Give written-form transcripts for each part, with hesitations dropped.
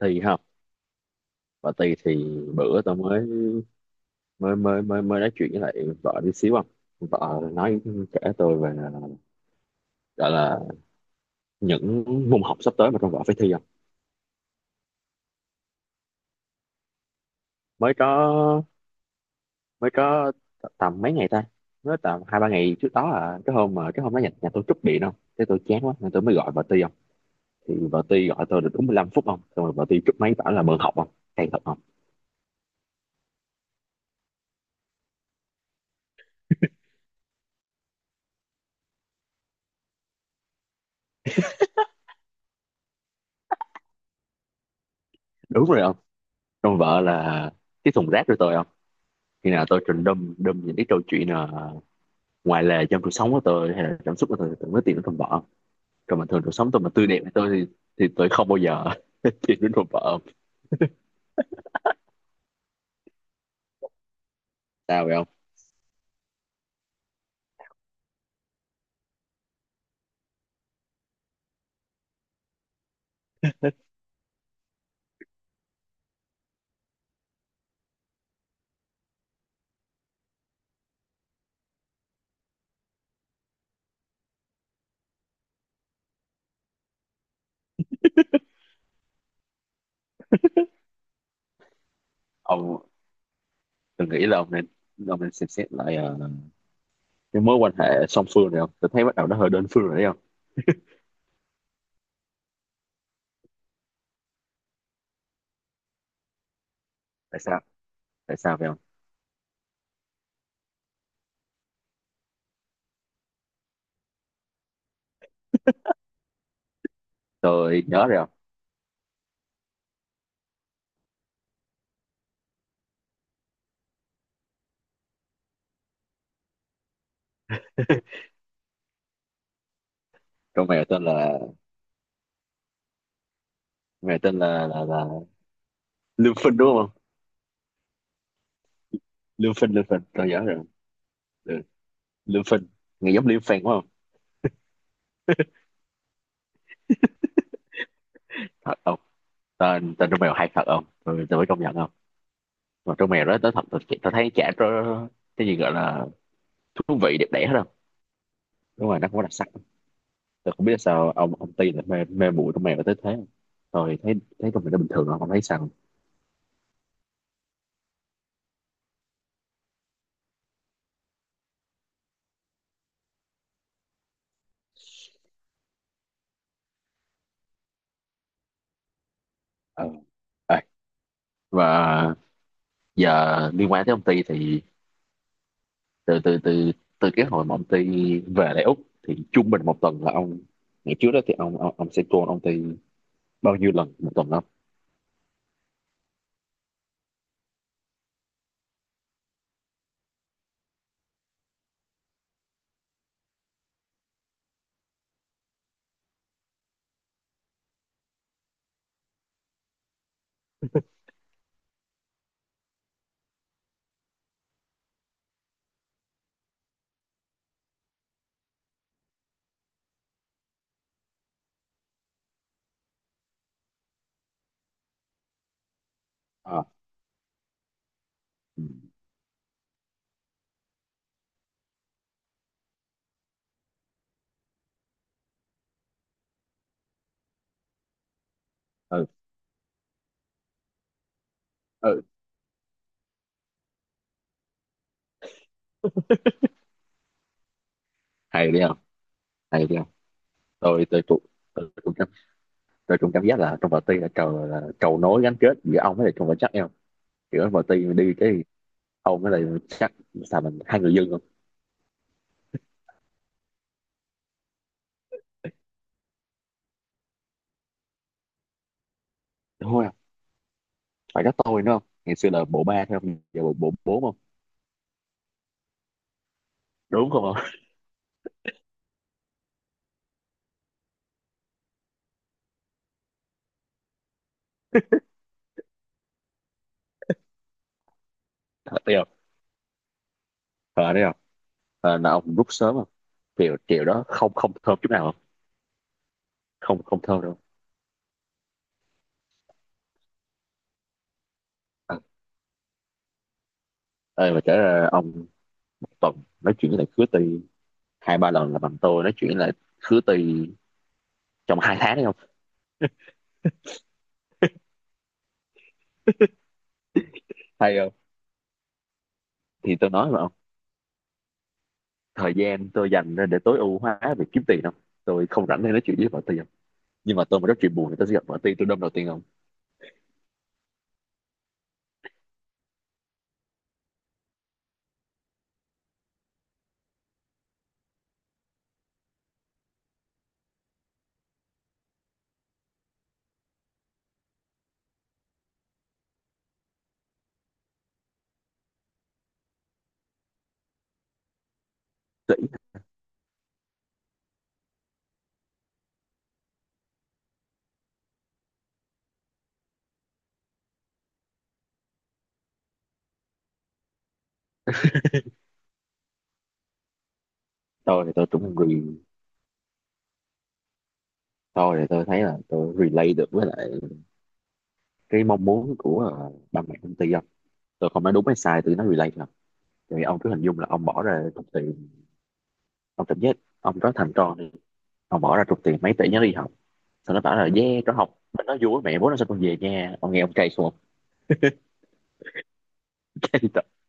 Thi không và thi thì bữa tao mới mới mới mới mới nói chuyện với lại vợ đi xíu không. Vợ nói, kể tôi về, gọi là những môn học sắp tới mà trong vợ phải thi không. mới có mới có Tầm mấy ngày ta, mới tầm 2 3 ngày trước đó à. Cái hôm mà cái hôm đó nhà tôi trúc điện không, thế tôi chán quá nên tôi mới gọi vợ Ti không. Thì vợ Ti gọi tôi được đúng 15 phút không, xong rồi vợ Ti trúc máy bảo là mượn học không. Hay thật không. Đúng rồi không, trong vợ là cái thùng rác của tôi không. Khi nào tôi trình đâm đâm những cái câu chuyện là ngoài là trong cuộc sống của tôi hay là cảm xúc của tôi thì tôi mới tìm đến thùng vợ. Còn bình thường cuộc sống tôi mà tươi đẹp với tôi thì tôi không bao giờ tìm đến thùng vợ. Sao vậy ông. Ông từng nghĩ là ông nên, ông nên xem xét lại cái mối quan hệ song phương này không. Tôi thấy bắt đầu nó hơi đơn phương rồi đấy không. Tại sao, tại sao vậy không. Tôi nhớ rồi không. Con mèo tên là, mèo tên là Lương Phinh đúng không. Lương Phinh, Lương Phinh tôi nhớ rồi. Ừ. Lương Phinh nghe giống Liêm Phinh quá không. Thật không. Tên tên con mèo hay thật không, tôi mới công nhận không. Mà trong mèo đó tớ thật, tớ thấy chả có cái gì gọi là thú vị đẹp đẽ hết đâu. Đúng rồi nó không có đặc sắc. Tớ không biết sao ông Ti lại mê mê mụi trong mèo tới thế, rồi thấy thấy trong mèo nó bình thường không thấy sao. Ờ. Ê, và giờ liên quan tới ông Ti thì từ từ từ từ cái hồi mà ông Ti về lại Úc thì trung bình một tuần là ông, ngày trước đó thì ông sẽ call ông Ti bao nhiêu lần một tuần không. À, ừ, ừ, ừ. Hay đi không, hay đi không. Tôi cũng, tôi cũng tôi cũng cảm giác là trong party là cầu nối gắn kết giữa ông với lại trong và chắc em, giữa party mình đi cái ông với lại chắc, sao mình hai người dưng không. Đúng không, phải có tôi nữa không, ngày xưa là bộ ba thôi không, giờ bộ bộ bốn không. Đúng không. Thật tiêu. Ờ đấy không, ờ là ông rút sớm không. Chiều chiều đó không, không thơm chút nào không, không không thơm đâu. À, ơi mà trở ra ông, tuần nói chuyện với lại khứa Tì 2 3 lần là bằng tôi nói chuyện với lại khứa Tì trong 2 tháng đấy không. Hay không. Thì tôi nói mà, thời gian tôi dành ra để tối ưu hóa việc kiếm tiền không, tôi không rảnh để nói chuyện với vợ tôi không. Nhưng mà tôi mà rất chuyện buồn thì tôi sẽ gặp vợ tôi đâm đầu tiên không. tôi thì tôi cũng re tôi thì tôi thấy là tôi relate được với lại cái mong muốn của ba mẹ công ty không. Tôi không nói đúng hay sai, tôi nói relate không. Thì ông cứ hình dung là ông bỏ ra chục tiền, ông cảm giác ông có thằng con đi, ông bỏ ra chục tiền mấy tỷ nhớ đi học, xong nó bảo là yeah nó học, nó vui mẹ bố nó sao con về nha, ông nghe ông cay xuống không?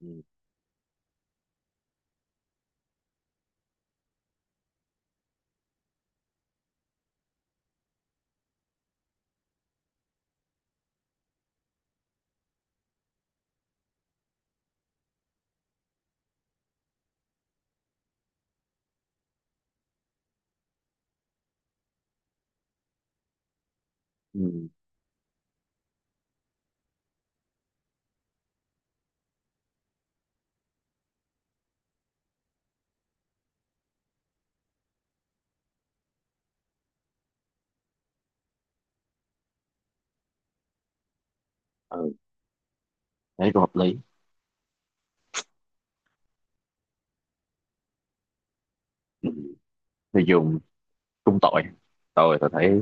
Ừ. Ừ. Ừ. Thấy cũng hợp lý. Ừ. Người dùng cũng tội, tôi thấy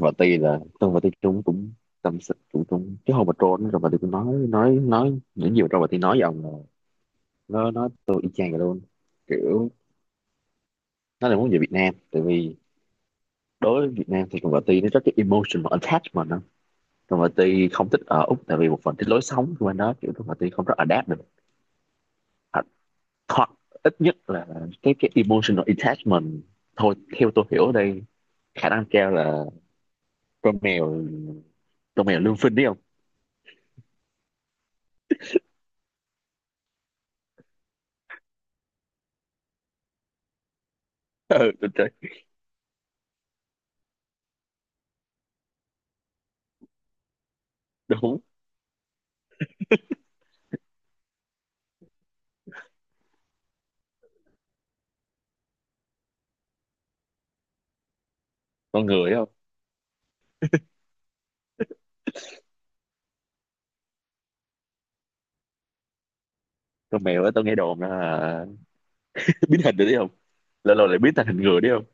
và tuy là tôi và tuy chúng cũng tâm sự cũng cũng cái hôm mà trốn rồi mà tôi cũng nói nhiều rồi mà tôi nói với ông là nó tôi y chang vậy luôn. Kiểu nó là muốn về Việt Nam tại vì đối với Việt Nam thì con vợ Ti nó rất cái emotional attachment đó. Con vợ Ti không thích ở Úc tại vì một phần cái lối sống của anh đó, kiểu con vợ Ti không rất adapt được. Hoặc hoặc Ít nhất là cái emotional attachment, thôi theo tôi hiểu ở đây, khả năng cao là con mèo, con mèo Lương Phinh đấy không. Ừ, đúng con người đấy không. Con mèo á tôi nghe đồn là biến hình rồi đấy không, lâu lâu lại biến thành hình người đấy không.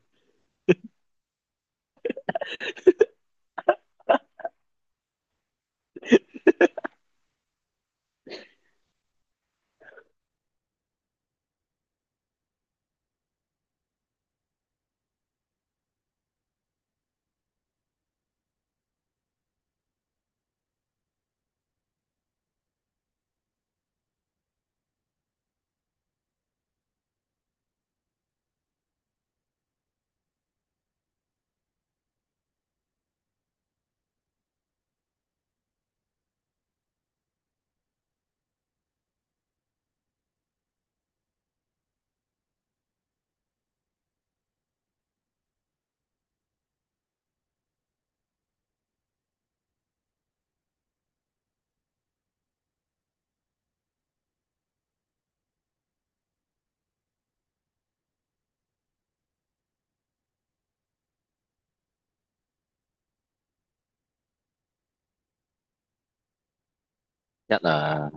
Chắc là,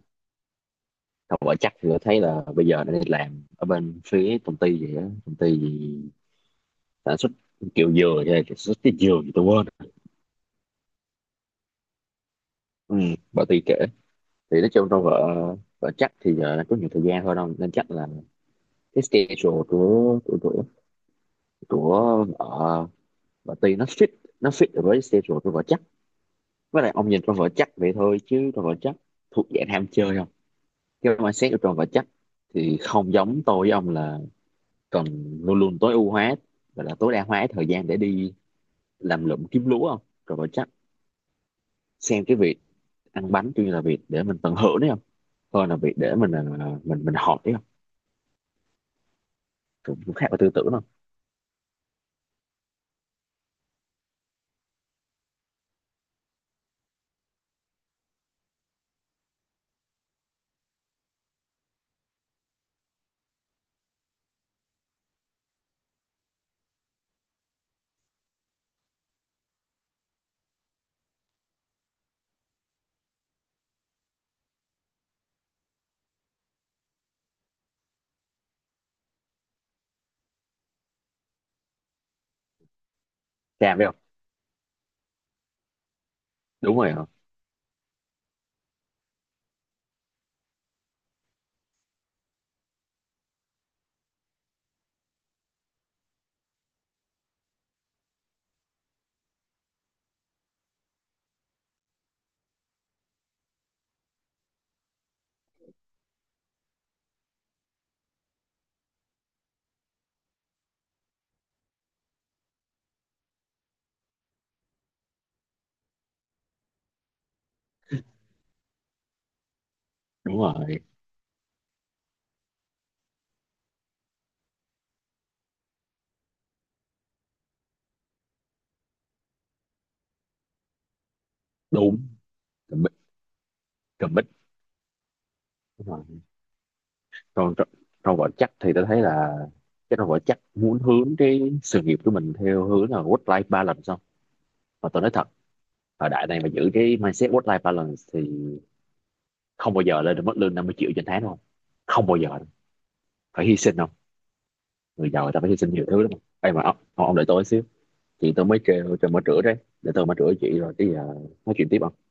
không phải chắc thì tôi thấy là bây giờ nó đi làm ở bên phía công ty gì á, công ty gì sản xuất kiểu dừa hay là sản xuất cái dừa gì tôi quên. Ừ, bà Ti kể thì nói chung trong vợ, vợ chắc thì giờ là có nhiều thời gian thôi đâu, nên chắc là cái schedule của vợ bà Ti nó fit, nó fit được với schedule của vợ chắc. Với lại ông nhìn con vợ chắc vậy thôi chứ con vợ chắc thuộc dạng ham chơi không. Cái mindset của Tròn và chắc thì không giống tôi với ông là cần luôn luôn tối ưu hóa và là tối đa hóa thời gian để đi làm lụm kiếm lúa không. Tròn và chắc xem cái việc ăn bánh tuy nhiên là việc để mình tận hưởng đấy không, hơn là việc để mình mình học đấy không. Cũng cũng khác ở tư tưởng không. Cam đấy không. Đúng rồi không. Đúng rồi đúng. Cầm bích, cầm bích. Đúng rồi. Còn Tròn-, Tròn và chắc thì tôi thấy là cái Tròn và chắc muốn hướng cái sự nghiệp của mình theo hướng là work life balance không. Mà tôi nói thật, thời đại này mà giữ cái mindset work life balance thì không bao giờ lên được mức lương 50 triệu trên tháng đúng không. Không bao giờ đâu. Phải hy sinh không. Người giàu người ta phải hy sinh nhiều thứ lắm. Ê mà ông, ông đợi tôi xíu, chị tôi mới kêu tôi mới rửa đấy. Để tôi mới rửa chị rồi cái giờ nói chuyện tiếp không.